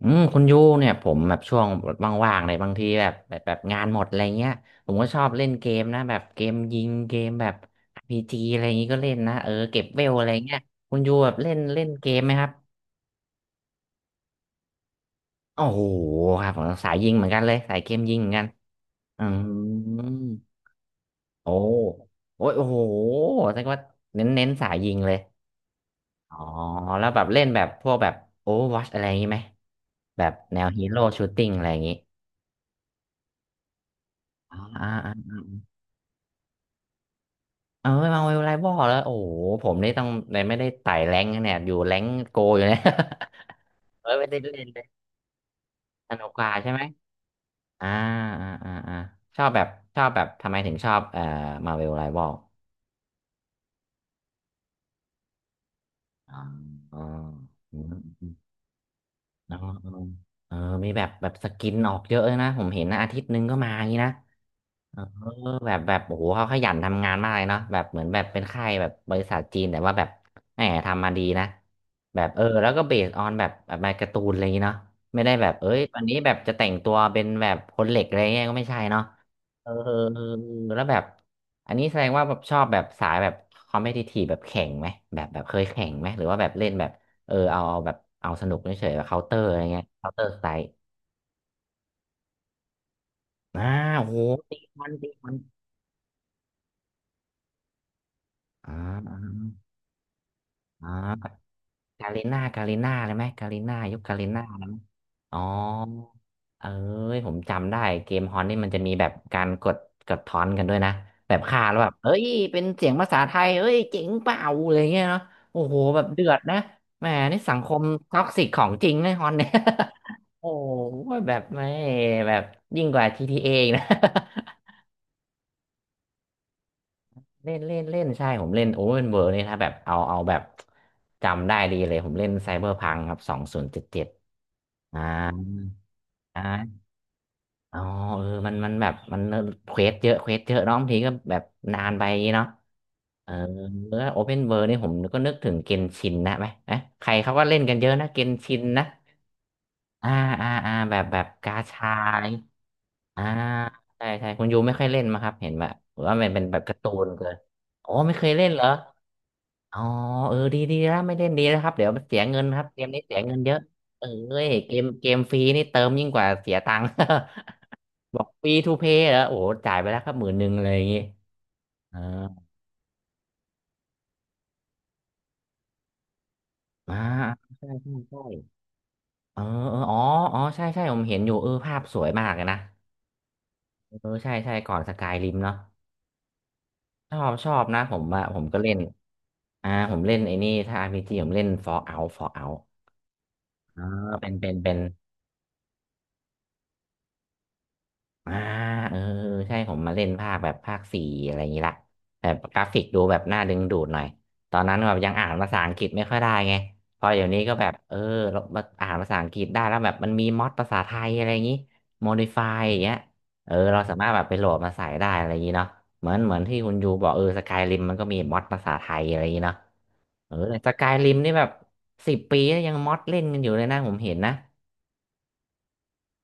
อืมคุณยูเนี่ยผมแบบช่วงว่างๆในบางทีแบบงานหมดอะไรเงี้ยผมก็ชอบเล่นเกมนะแบบเกมยิงเกมแบบอาร์พีจีอะไรอย่างงี้ก็เล่นนะเออเก็บเวลอะไรเงี้ยคุณยูแบบเล่นเล่นเกมไหมครับโอ้โหครับผมสายยิงเหมือนกันเลยสายเกมยิงเหมือนกันอืมโอ้โอ้ยโอ้โหแสดงว่าเน้นสายยิงเลยอ๋อแล้วแบบเล่นแบบพวกแบบโอวอชอะไรอย่างงี้ไหมแบบแนวฮีโร่ชูตติ้งอะไรอย่างงี้ออ่าอ่า เออมาเวลไรบอลแล้วโอ้โหผมนี่ต้องเลยไม่ได้ไต่แรงค์นะเนี่ยอยู่แรงค์โกอยู่เนี่ย เออไม่ได้เล่นเลยสนุกกว่าใช่ไหมอ่าอ่าอ่าอ่าชอบแบบชอบแบบทำไมถึงชอบมาเวลไรบอลอ๋ออ๋ออืมอืมอ๋อเออมีแบบแบบสกินออกเยอะเลยนะผมเห็นนะอาทิตย์หนึงก็มาอย่างนี้นะ เออแบบโอ้โหเขาขยันทำงานมากเลยเนาะแบบเหมือนแบบเป็นค่ายแบบบริษัทจีนแต่ว่าแบบแหมทำมาดีนะแบบเออแล้วก็เบสออนแบบแบบมาการ์ตูนอะไรอย่างงี้เนาะไม่ได้แบบเอ้ยวันนี้แบบจะแต่งตัวเป็นแบบคนเหล็กอะไรเงี้ยก็ไม่ใช่เนาะเออเออเออแล้วแบบอันนี้แสดงว่าแบบชอบแบบสายแบบคอมเพทิทีฟแบบแข่งไหมแบบแบบเคยแข่งไหมหรือว่าแบบเล่นแบบเออเอาแบบเอาสนุกเฉยๆแบบเคาน์เตอร์อะไรเงี้ยเคาน์เตอร์สไตล์อ่าโอ้โหตีมันตีมันอ่าอ่าอ่า กาลิน่ากาลิน่าเลยไหมกาลิน่ายุคกาลิน่าเลยไหมอ๋อเอ้ยผมจำได้เกมฮอนนี่มันจะมีแบบการกดกดทอนกันด้วยนะแบบฆ่าแล้วแบบเอ้ยเป็นเสียงภาษาไทยเอ้ยเจ๋งเปล่าอะไรเงี้ยเนาะโอ้โหแบบเดือดนะแหมนี่สังคมท็อกซิกของจริงนะฮอนเนี่ย โอ้โหแบบไม่แบบยิ่งกว่าจีที a ออีกนะ เล่นเล่นเล่นใช่ผมเล่นโอเวอร์เวิร์นี่ถ้าแบบเอาเอาแบบจำได้ดีเลยผมเล่นไซเบอร์พังครับสองศูนย์เจ็ดเจ็ดอ่าอ่าอ๋อเออมันมันแบบมันเควสเยอะเน้องทีก็แบบนานไปอย่างงี้เนาะเออโอเพนเวิร์นี่ผมก็นึกถึงเกนชินนะไหมนะใครเขาก็เล่นกันเยอะนะเกนชินนะอ่าอ่าอ่าแบบแบบกาชาอะไรอ่าใช่ใช่คุณยูไม่ค่อยเล่นมาครับเห็นแบบว่ามันเป็นแบบการ์ตูนเกินอ๋อไม่เคยเล่นเหรอ อ๋อเออดีดีแล้วไม่เล่นดีแล้วครับเดี๋ยวเสียเงินครับเกมนี้เสียเงินเยอะเอ้ยเกมฟรีนี่เติมยิ่งกว่าเสียตังค์ บอกฟรีทูเพย์แล้วโอ้โหจ่ายไปแล้วครับหมื่นหนึ่งอะไรอย่างงี้เอออ่าใช่ใช่เออเอออ๋ออ๋อใช่ใช่ผมเห็นอยู่เออภาพสวยมากเลยนะเออใช่ใช่ก่อนสกายริมเนาะชอบนะผมอะผมก็เล่นอ่าผมเล่นไอ้นี่ถ้าอาร์พีจ g ผมเล่น Fallout Fallout อ่าเป็น อ่าเออใช่ผมมาเล่นภาคแบบภาคสี่อะไรอย่างนี้ละแบบกราฟิกดูแบบน่าดึงดูดหน่อยตอนนั้นแบบยังอ่านภาษาอังกฤษไม่ค่อยได้ไงพอเดี๋ยวนี้ก็แบบเออเราอ่านภาษาอังกฤษได้แล้วแบบมันมีม็อดภาษาไทยอะไรอย่างนี้ m o ด i f y อย่างเงี้ยเออเราสามารถแบบไปโหลดมาใส่ได้อะไรอย่างนี้เนาะเหมือนที่คุณยูบอกเออสกายริมมันก็มีม็อดภาษาไทยอะไรอย่างนี้เนาะเออสกายริมนี่แบบสิบปีแล้วยังม็อดเล่นกันอยู่เลยนะผมเห็นนะ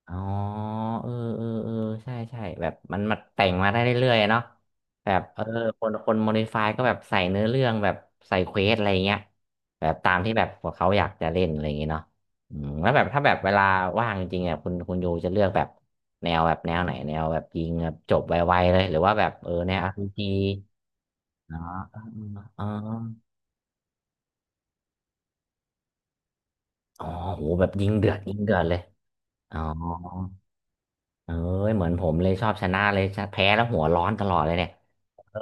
อ๋อเออเออเออใช่ใช่แบบมันมาแต่งมาได้เรื่อยๆเนาะแบบเออคนโมดิฟายก็แบบใส่เนื้อเรื่องแบบใส่เควสอะไรเงี้ยแบบตามที่แบบพวกเขาอยากจะเล่นอะไรอย่างเงี้ยเนาะอืมแล้วแบบถ้าแบบเวลาว่างจริงๆอ่ะคุณยูจะเลือกแบบแนวแบบแนวไหนแนวแบบยิงแบบจบไวๆเลยหรือว่าแบบเออแนว RPG เนาะอ๋ออ๋ออ๋อโหแบบยิงเดือดยิงเดือดเลยอ๋อเอ้ยเหมือนผมเลยชอบชนะเลยชะแพ้แล้วหัวร้อนตลอดเลยเนี่ย เออ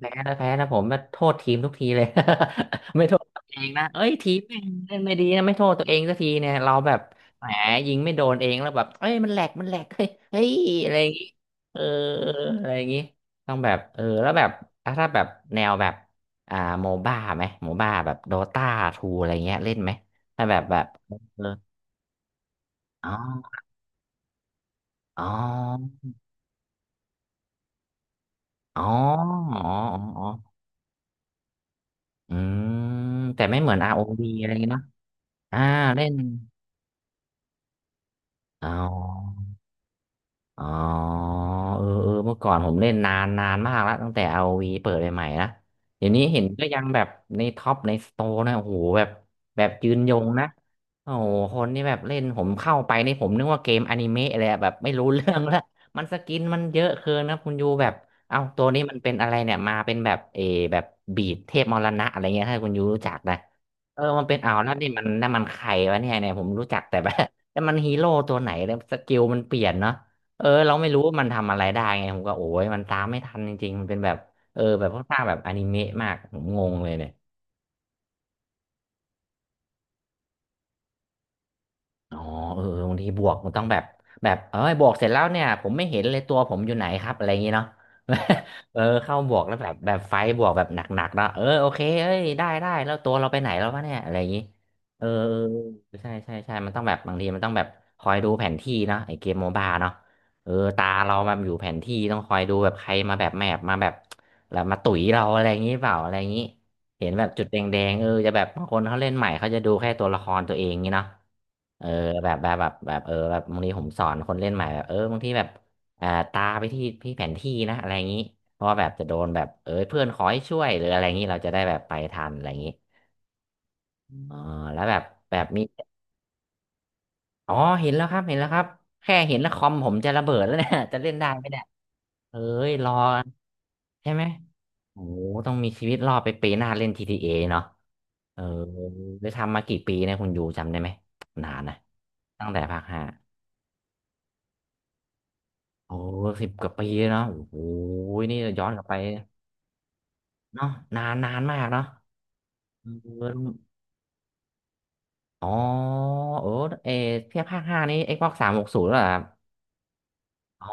แพ้นะแพ้นะผมมาโทษทีมทุกทีเลย ไม่โทษตัวเองนะเอ้ยทีมแม่งเล่นไม่ดีนะไม่โทษตัวเองสักทีเนี่ยเราแบบแหมยิงไม่โดนเองแล้วแบบเอ้ยมันแหลกมันแหลกเฮ้ยเฮ้ยอะไรอย่างงี้เอออะไรอย่างงี้ต้องแบบเออแล้วแบบอ่ะถ้าแบบแนวแบบอ่าโมบ้าไหมโมบ้าแบบโดตาทูอะไรเงี้ยเล่นไหมถ้าแบบแบบเอออ๋ออ๋ออ๋ออ๋ออ๋ออออืมแต่ไม่เหมือน ROV อวีอะไรเงี้ยเนาะอ่าเล่น อ๋อ อ๋อเออเออเมื่อก่อนผมเล่นนานนานมากแล้วตั้งแต่ r o ีเปิดใหม่ๆนะเดี๋ยวนี้เห็นก็ยังแบบในท็อปในสโตร์นะโอ้โหแบบแบบยืนยงนะโอ้โหคนนี่แบบเล่นผมเข้าไปนี่ผมนึกว่าเกมอนิเมะเลยอะแบบไม่รู้เรื่องแล้วมันสกินมันเยอะเกินนะคุณยูแบบเอ้าตัวนี้มันเป็นอะไรเนี่ยมาเป็นแบบเออแบบบีดเทพมรณะอะไรเงี้ยถ้าคุณยูรู้จักนะเออมันเป็นเอาวแล้วนี่มันนั่นมันใครวะเนี่ยเนี่ยผมรู้จักแต่แบบ แต่มันฮีโร่ตัวไหนแล้วสกิลมันเปลี่ยนเนาะ เออเราไม่รู้ว่ามันทำอะไรได้ไงผมก็โอ้ยมันตามไม่ทันจริงๆมันเป็นแบบเออแบบค่อนข้างแบบอนิเมะมากผมงงเลยเนี่ย อ๋อเออเออบางทีบวกมันต้องแบบแบบเอ้ยบวกเสร็จแล้วเนี่ยผมไม่เห็นเลยตัวผมอยู่ไหนครับอะไรอย่างงี้เนาะ เออเข้าบวกแล้วแบบแบบไฟบวกแบบหนักๆเนาะเออโอเคเอ้ยได้ได้แล้วตัวเราไปไหนแล้ววะเนี่ยอะไรอย่างงี้เออเออเออใช่ใช่ใช่มันต้องแบบบางทีมันต้องแบบคอยดูแผนที่เนาะไอเกมโมบาเนาะเออตาเราแบบอยู่แผนที่ต้องคอยดูแบบใครมาแบบแมปมาแบบแล้วมาตุ๋ยเราอะไรอย่างงี้เปล่าอะไรอย่างงี้ เห็นแบบจุดแดงๆเออจะแบบบางคนเขาเล่นใหม่เขาจะดูแค่ตัวละครตัวเองงี้เนาะเออแบบเออแบบบางทีผมสอนคนเล่นใหม่แบบเออบางทีแบบอ่าตาไปที่ที่แผนที่นะอะไรอย่างนี้เพราะว่าแบบจะโดนแบบเออเพื่อนขอให้ช่วยหรืออะไรอย่างนี้เราจะได้แบบไปทันอะไรอย่างนี้อ๋อแล้วแบบแบบมีอ๋อเห็นแล้วครับเห็นแล้วครับแค่เห็นแล้วคอมผมจะระเบิดแล้วเนี่ย จะเล่นได้ไหมเนี่ยเอ้ยรอใช่ไหม โอ้โหต้องมีชีวิตรอดไปปีหน้าเล่นที t a เอเนาะเออได้ทำมากี่ปีเนี่ยคุณอยู่จำได้ไหมนานนะตั้งแต่ภาคห้าโอ้สิบกว่าปีเนาะโอ้โหนี่ย้อนกลับไปเนาะนานนานมากเนาะเอออ๋อเออเออเทียบภาคห้านี้ Xbox สามหกศูนย์เหรอครับอ๋อ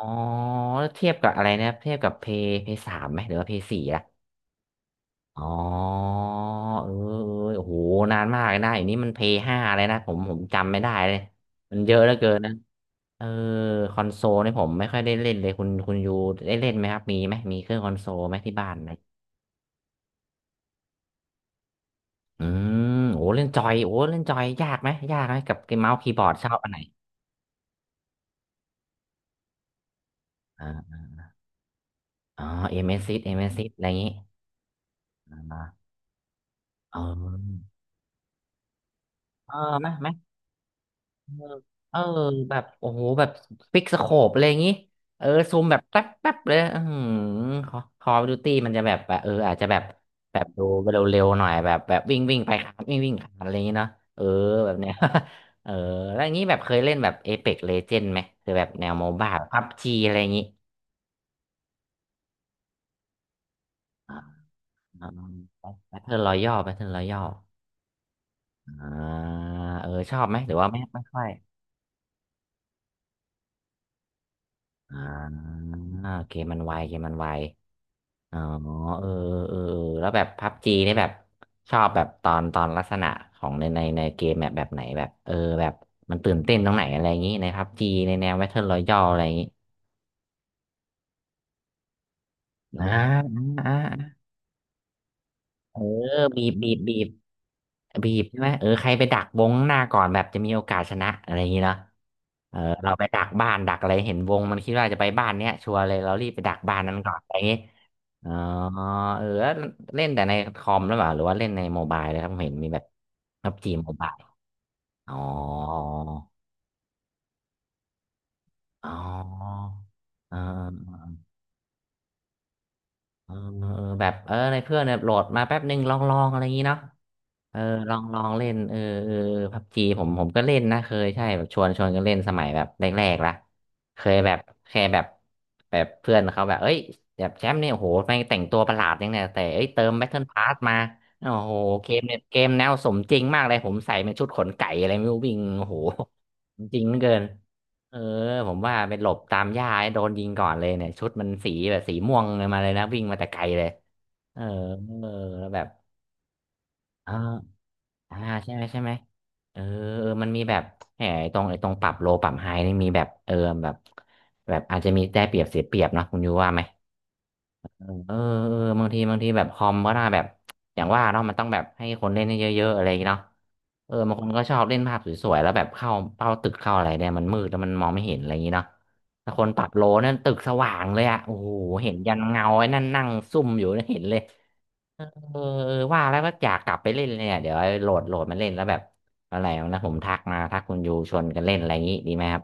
แล้วเทียบกับอะไรนะครับเทียบกับเพย์สามไหมหรือว่าเพย์สี่อะ อ๋อเออเออโอ้โหนานมากเลยนะอย่างนี้มันเพย์ห้าเลยนะผมจำไม่ได้เลยมันเยอะเหลือเกินนะเออคอนโซลนี่ผมไม่ค่อยได้เล่นเลยคุณคุณยูได้เล่นไหมครับมีไหมมีเครื่องคอนโซลไหมที่บ้านไหมอืมโอ้เล่นจอยโอ้เล่นจอยยากไหมยากไหมกับเมาส์คีย์บอร์ดชอบอันไหนอ่าอ๋อเอ็มเอสซิสเอ็มเอสซิสอะไรอย่างนี้อ่าเออเออไหม เออแบบโอ้โหแบบฟิกสโคปอะไรอย่างงี้เออซูมแบบแป๊บแป๊บเลยอือหือคอคอดูตี้มันจะแบบแบบเอออาจจะแบบแบบดูเร็วๆหน่อยแบบแบบวิ่งวิ่งไปครับวิ่งวิ่งขาัอะไรอย่างงี้เนาะเออแบบเนี้ย เออแล้วอย่างนี้แบบเคยเล่นแบบเอ e ป l กเลเจนไหมคือแบบแนวโมบ้าพับจีอะไรอย่างงี้อ่าแบทเทิลรอยัลแบทเทิลรอยัลอ่าเออชอบไหมหรือว่าไม่ไม่ค่อยอ่าเกมมันไวเกมมันไว อ๋อเออเออเออแล้วแบบพับจีนี่แบบชอบแบบตอนตอนลักษณะของในในในเกมแบบแบบไหนแบบเออแบบมันตื่นเต้นตรงไหนอะไรอย่างนี้ในพับจีในแนวแวทเทิลรอยัลอะไรอย่างนี้นะอ่าอ่า เออบีบบีบบีบบีบใช่ไหมเออใครไปดักวงข้างหน้าก่อนแบบจะมีโอกาสชนะอะไรอย่างนี้เนาะเออเราไปดักบ้านดักอะไรเห็นวงมันคิดว่าจะไปบ้านเนี้ยชัวร์เลยเรารีบไปดักบ้านนั้นก่อนอะไรอย่างนี้อ๋อเออแล้วเล่นแต่ในคอมหรือเปล่าหรือว่าเล่นในโมบายเลยครับผมเห็นมีแบบพับจีโมบายอ๋ออ๋ออ๋อ เออเออแบบเออในเพื่อนเนี่ยโหลดมาแป๊บนึงลองลองอะไรอย่างนี้เนาะเออลองลองเล่นเออเออพับจีผมก็เล่นนะเคยใช่แบบชวนชวนกันเล่นสมัยแบบแรกๆละเคยแบบแค่แบบแบบเพื่อนเขาแบบเอ้ยแบบแชมป์เนี่ยโอ้โหแม่งแต่งตัวประหลาดยังเนี่ยแต่เอ้ยเติมแบทเทิลพาสมาโอ้โหเกมเนี่ยเกมแนวสมจริงมากเลยผมใส่เป็นชุดขนไก่อะไรไม่รู้วิ่งโอ้โหจริงเหลือเกิน เออผมว่าไปหลบตามหญ้าโดนยิงก่อนเลยเนี่ยชุดมันสีแบบสีม่วงเลยมาเลยนะวิ่งมาแต่ไกลเลยเออเออแล้วแบบอ่าอ่าใช่ไหมใช่ไหมเออเออมันมีแบบแหมไอ้ตรงไอ้ตรงปรับโลปรับไฮนี่มีแบบเออแบบแบบอาจจะมีได้เปรียบเสียเปรียบเนาะคุณยูว่าไหม เออเออบางทีบางทีแบบคอมก็น่าแบบอย่างว่าเนาะมันต้องแบบให้คนเล่นให้เยอะๆอะไรอย่างเงี้ยเนาะเออบางคนก็ชอบเล่นภาพสวยๆแล้วแบบเข้าเป้าตึกเข้าอะไรเนี่ยมันมืดแล้วมันมองไม่เห็นอะไรอย่างเงี้ยเนาะถ้าคนปรับโลนั่นตึกสว่างเลยอะโอ้โหเห็นยันเงาไอ้นั่นนั่งซุ่มอยู่นะเห็นเลยเออเออว่าแล้วก็อยากกลับไปเล่นเลยเนี่ยเดี๋ยวโหลดโหลดมาเล่นแล้วแบบอะไรนะผมทักมาทักคุณยูชวนกันเล่นอะไรอย่างงี้ดีไหมครับ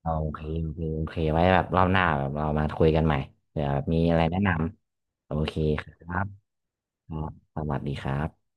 โอโอเคไว้แบบรอบหน้าแบบเรามาคุยกันใหม่เผื่อแบบมีอะไรแนะนำ โอเคครับครับสวัสดีครับ